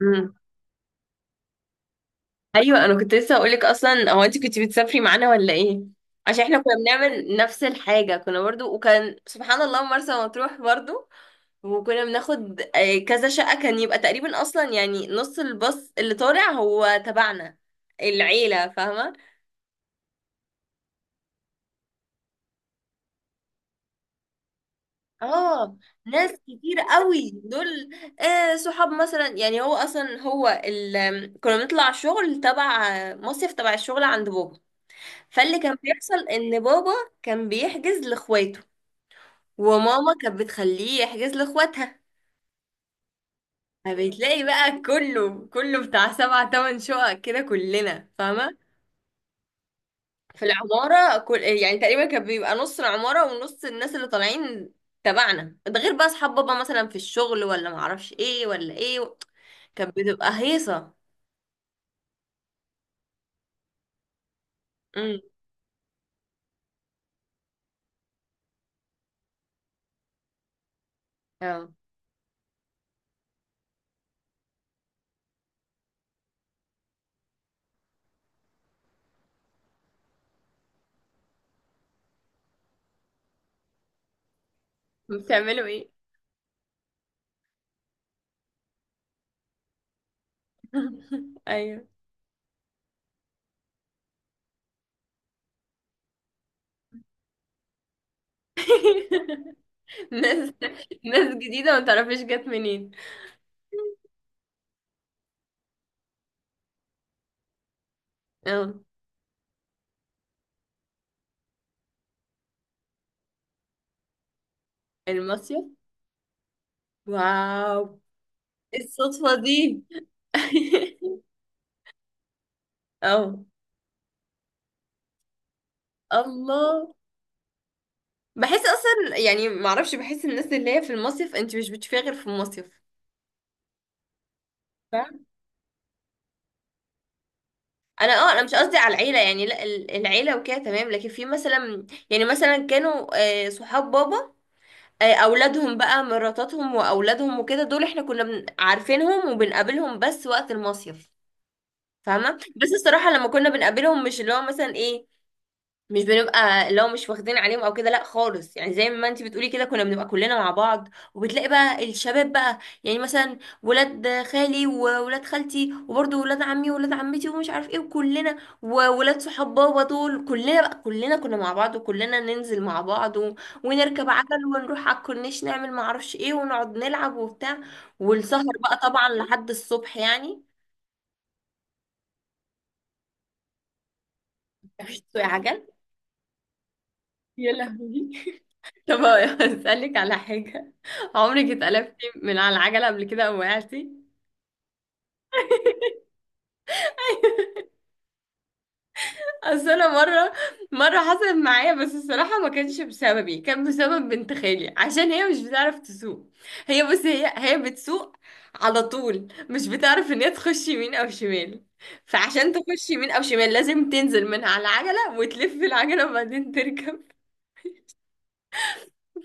مم. ايوه انا كنت لسه هقولك، اصلا هو انت كنت بتسافري معانا ولا ايه؟ عشان احنا كنا بنعمل نفس الحاجه، كنا برضو، وكان سبحان الله مرسى مطروح برضو. وكنا بناخد كذا شقه، كان يبقى تقريبا اصلا يعني نص الباص اللي طالع هو تبعنا، العيله، فاهمه. اه، ناس كتير قوي دول. صحاب مثلا، يعني هو اصلا هو ال... كنا بنطلع شغل تبع مصيف تبع الشغل عند بابا. فاللي كان بيحصل ان بابا كان بيحجز لاخواته، وماما كانت بتخليه يحجز لاخواتها. فبتلاقي بقى كله كله بتاع سبع تمن شقق كده، كلنا فاهمة، في العمارة. كل، يعني تقريبا، كان بيبقى نص العمارة ونص الناس اللي طالعين تبعنا، ده غير بقى اصحاب بابا مثلا في الشغل ولا معرفش ايه ولا ايه. كانت بتبقى هيصة. امم اه، بتعملوا ايه؟ ايوه. ناس ناس جديدة ما تعرفيش جت منين. اه، المصيف، واو. إيه الصدفة دي؟ اه، الله. بحس اصلا يعني معرفش، بحس الناس اللي هي في المصيف انت مش بتشوفيها غير في المصيف، فاهم. انا مش قصدي على العيله يعني، لا العيله وكده تمام، لكن في مثلا، يعني مثلا كانوا صحاب بابا، اولادهم بقى، مراتاتهم واولادهم وكده، دول احنا كنا عارفينهم وبنقابلهم بس وقت المصيف، فاهمه. بس الصراحه لما كنا بنقابلهم مش اللي هو مثلا ايه، مش بنبقى لو مش واخدين عليهم او كده، لا خالص. يعني زي ما انت بتقولي كده، كنا بنبقى كلنا مع بعض، وبتلاقي بقى الشباب بقى، يعني مثلا ولاد خالي وولاد خالتي وبرضه ولاد عمي وولاد عمتي ومش عارف ايه، وكلنا، وولاد صحاب بابا دول، كلنا بقى، كلنا كنا مع بعض، وكلنا ننزل مع بعض ونركب عجل ونروح على الكورنيش، نعمل معرفش ايه ونقعد نلعب وبتاع، والسهر بقى طبعا لحد الصبح يعني. مفيش سوق عجل، يا لهوي. طب هسألك على حاجة، عمرك اتقلبتي من على العجلة قبل كده او وقعتي؟ اصل انا مرة حصلت معايا، بس الصراحة ما كانش بسببي، كان بسبب بنت خالي عشان هي مش بتعرف تسوق. هي بس هي هي بتسوق على طول، مش بتعرف ان هي تخش يمين او شمال. فعشان تخش يمين او شمال لازم تنزل من على العجلة وتلف العجلة وبعدين تركب.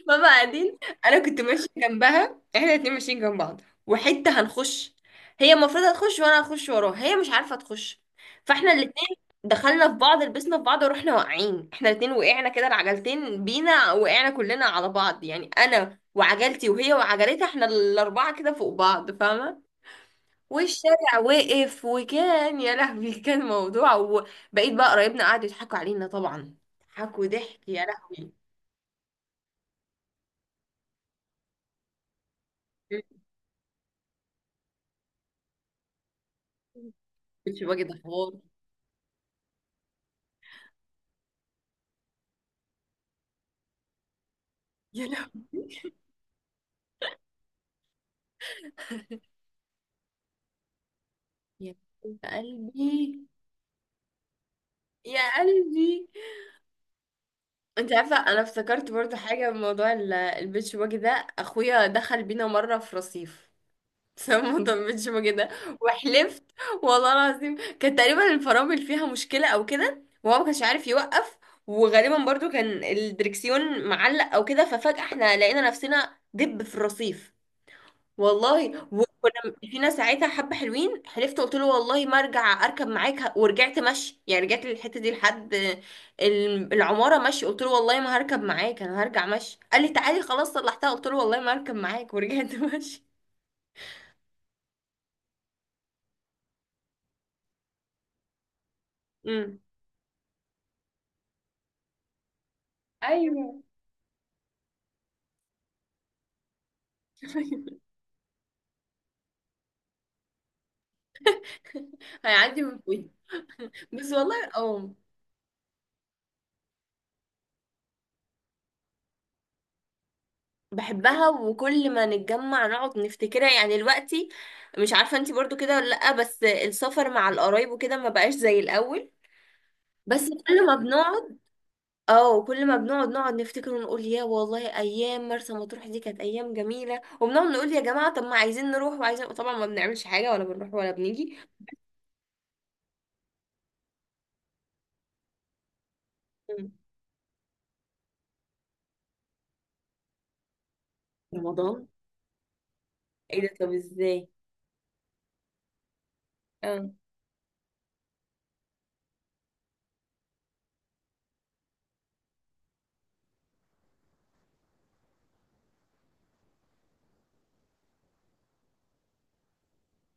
ماما قاعدين، انا كنت ماشيه جنبها، احنا الاتنين ماشيين جنب بعض، وحته هنخش. هي المفروض هتخش وانا هخش وراها، هي مش عارفه تخش، فاحنا الاتنين دخلنا في بعض، لبسنا في بعض ورحنا واقعين، احنا الاتنين وقعنا كده، العجلتين بينا، وقعنا كلنا على بعض، يعني انا وعجلتي وهي وعجلتها، احنا الاربعه كده فوق بعض، فاهمه؟ والشارع واقف، وكان يا لهوي كان موضوع. وبقيت بقى قرايبنا قعدوا يضحكوا علينا طبعا، ضحكوا ضحك وضحك، يا لهوي. كنتش باجي ده حوار. يا لهوي، يا قلبي، يا قلبي. انت عارفه انا افتكرت برضو حاجه من موضوع البيتش باجي ده، اخويا دخل بينا مره في رصيف بسبب موضوع البيتش باجي ده. وحلفت، والله العظيم كان تقريبا الفرامل فيها مشكله او كده، وهو ما كانش عارف يوقف، وغالبا برضو كان الدركسيون معلق او كده، ففجاه احنا لقينا نفسنا دب في الرصيف، والله. وكنا فينا ساعتها حبة حلوين، حلفت قلت له والله ما ارجع اركب معاك، ورجعت مشي يعني، رجعت للحتة دي لحد العمارة مشي. قلت له والله ما هركب معاك، انا هرجع مشي. قال لي تعالي خلاص صلحتها، قلت له والله ما هركب معاك، ورجعت مشي. امم ايوه. هيعدي من فوقي. بس والله اه. بحبها، وكل ما نتجمع نقعد نفتكرها يعني دلوقتي. مش عارفة انتي برضو كده ولا لأ، بس السفر مع القرايب وكده ما بقاش زي الأول. بس كل ما بنقعد اه كل ما بنقعد نقعد نفتكر ونقول، يا والله ايام مرسى مطروح دي كانت ايام جميله، وبنقعد نقول يا جماعه طب ما عايزين نروح، وعايزين طبعا ما بنعملش حاجه، ولا بنروح ولا بنيجي. مم. رمضان؟ ايه ده، طب ازاي؟ اه،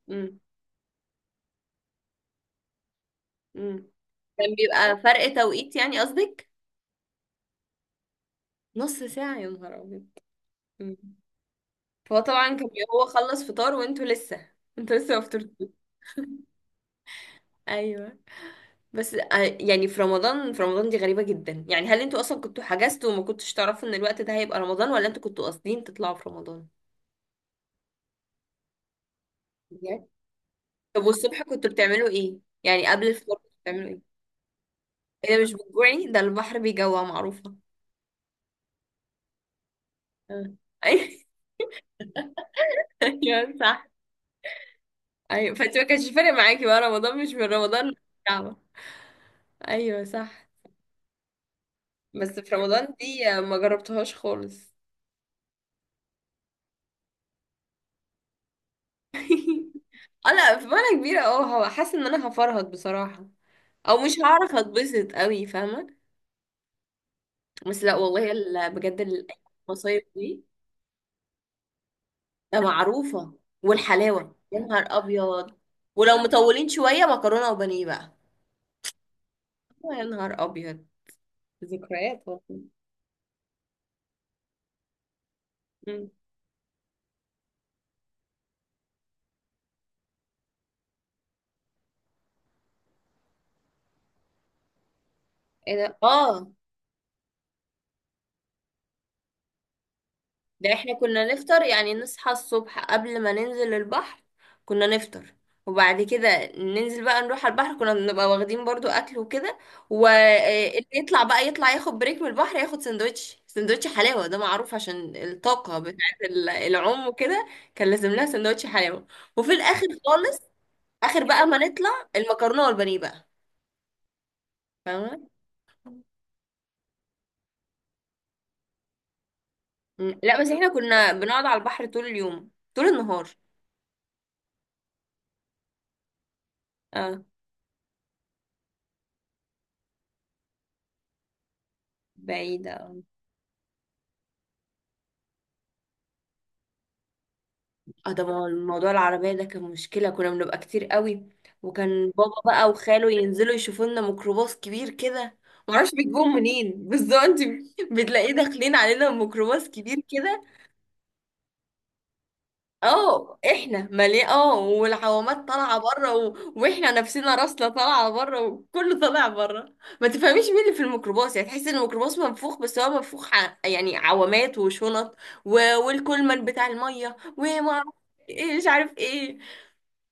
امم امم كان بيبقى فرق توقيت يعني قصدك؟ نص ساعه، يا نهار ابيض. أمم. فهو طبعا كان بيبقى هو خلص فطار وانتوا لسه انتوا لسه ما فطرتوش. ايوه. بس يعني في رمضان دي غريبة جدا يعني، هل انتوا اصلا كنتوا حجزتوا وما كنتوش تعرفوا ان الوقت ده هيبقى رمضان، ولا انتوا كنتوا قاصدين تطلعوا في رمضان؟ بجد؟ طب والصبح كنتوا بتعملوا ايه؟ يعني قبل الفطار كنتوا بتعملوا ايه؟ ايه ده، مش بتجوعي؟ ده البحر بيجوع، معروفة. آه. أي- ايوه صح. ايوه، فانت ما كانش فارق معاكي بقى رمضان مش من رمضان للكعبة. ايوه صح. بس في رمضان دي ما جربتهاش خالص. اه لا، في وانا كبيرة، اه هو حاسة ان انا هفرهد بصراحة، او مش هعرف اتبسط قوي، فاهمة؟ بس لا والله بجد المصايف دي، ده معروفة. والحلاوة يا نهار ابيض. ولو مطولين شوية، مكرونة وبانيه بقى. يا نهار ابيض، ذكريات والله. مم. ايه ده، اه. ده احنا كنا نفطر يعني، نصحى الصبح قبل ما ننزل البحر كنا نفطر، وبعد كده ننزل بقى نروح على البحر، كنا بنبقى واخدين برضو اكل وكده. واللي يطلع بقى يطلع ياخد بريك من البحر، ياخد سندوتش، سندوتش حلاوة ده معروف، عشان الطاقة بتاعت العوم وكده. كان لازم لها سندوتش حلاوة. وفي الاخر خالص، اخر بقى ما نطلع، المكرونة والبانيه بقى، فاهمة؟ لا بس احنا كنا بنقعد على البحر طول اليوم، طول النهار. اه، بعيدة. اه، ده ما هو الموضوع العربية ده كان مشكلة، كنا بنبقى كتير قوي. وكان بابا بقى وخاله ينزلوا يشوفوا لنا ميكروباص كبير كده، معرفش بيجيبوهم منين. بس ده انت بتلاقيه داخلين علينا ميكروباص كبير كده. اه احنا مليان، اه، والعوامات طالعة بره واحنا نفسنا راسنا طالعة بره، وكله طالع بره، ما تفهميش مين اللي في الميكروباص يعني، تحس ان الميكروباص منفوخ، بس هو منفوخ يعني عوامات وشنط و... والكولمان بتاع المية وما اعرف ايه، مش عارف ايه.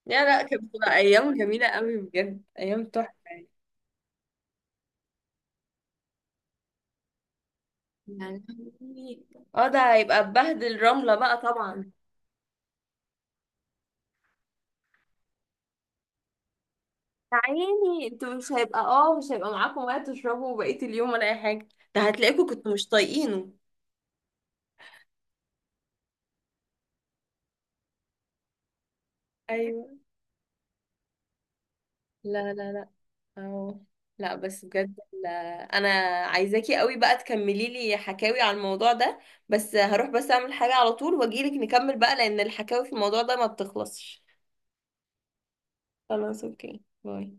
لا لا، كانت بتبقى ايام جميله قوي بجد، ايام تحفه يعني. يعني اه، ده هيبقى ببهدل رمله بقى طبعا. يا عيني انتوا، مش هيبقى معاكم وقت تشربوا بقيه اليوم ولا اي حاجه، ده هتلاقيكوا كنتوا مش طايقينه. ايوه، لا لا لا. اه لا، بس بجد لا. انا عايزاكي قوي بقى تكملي لي حكاوي على الموضوع ده، بس هروح بس اعمل حاجه على طول واجيلك نكمل بقى، لان الحكاوي في الموضوع ده ما بتخلصش. خلاص اوكي، باي.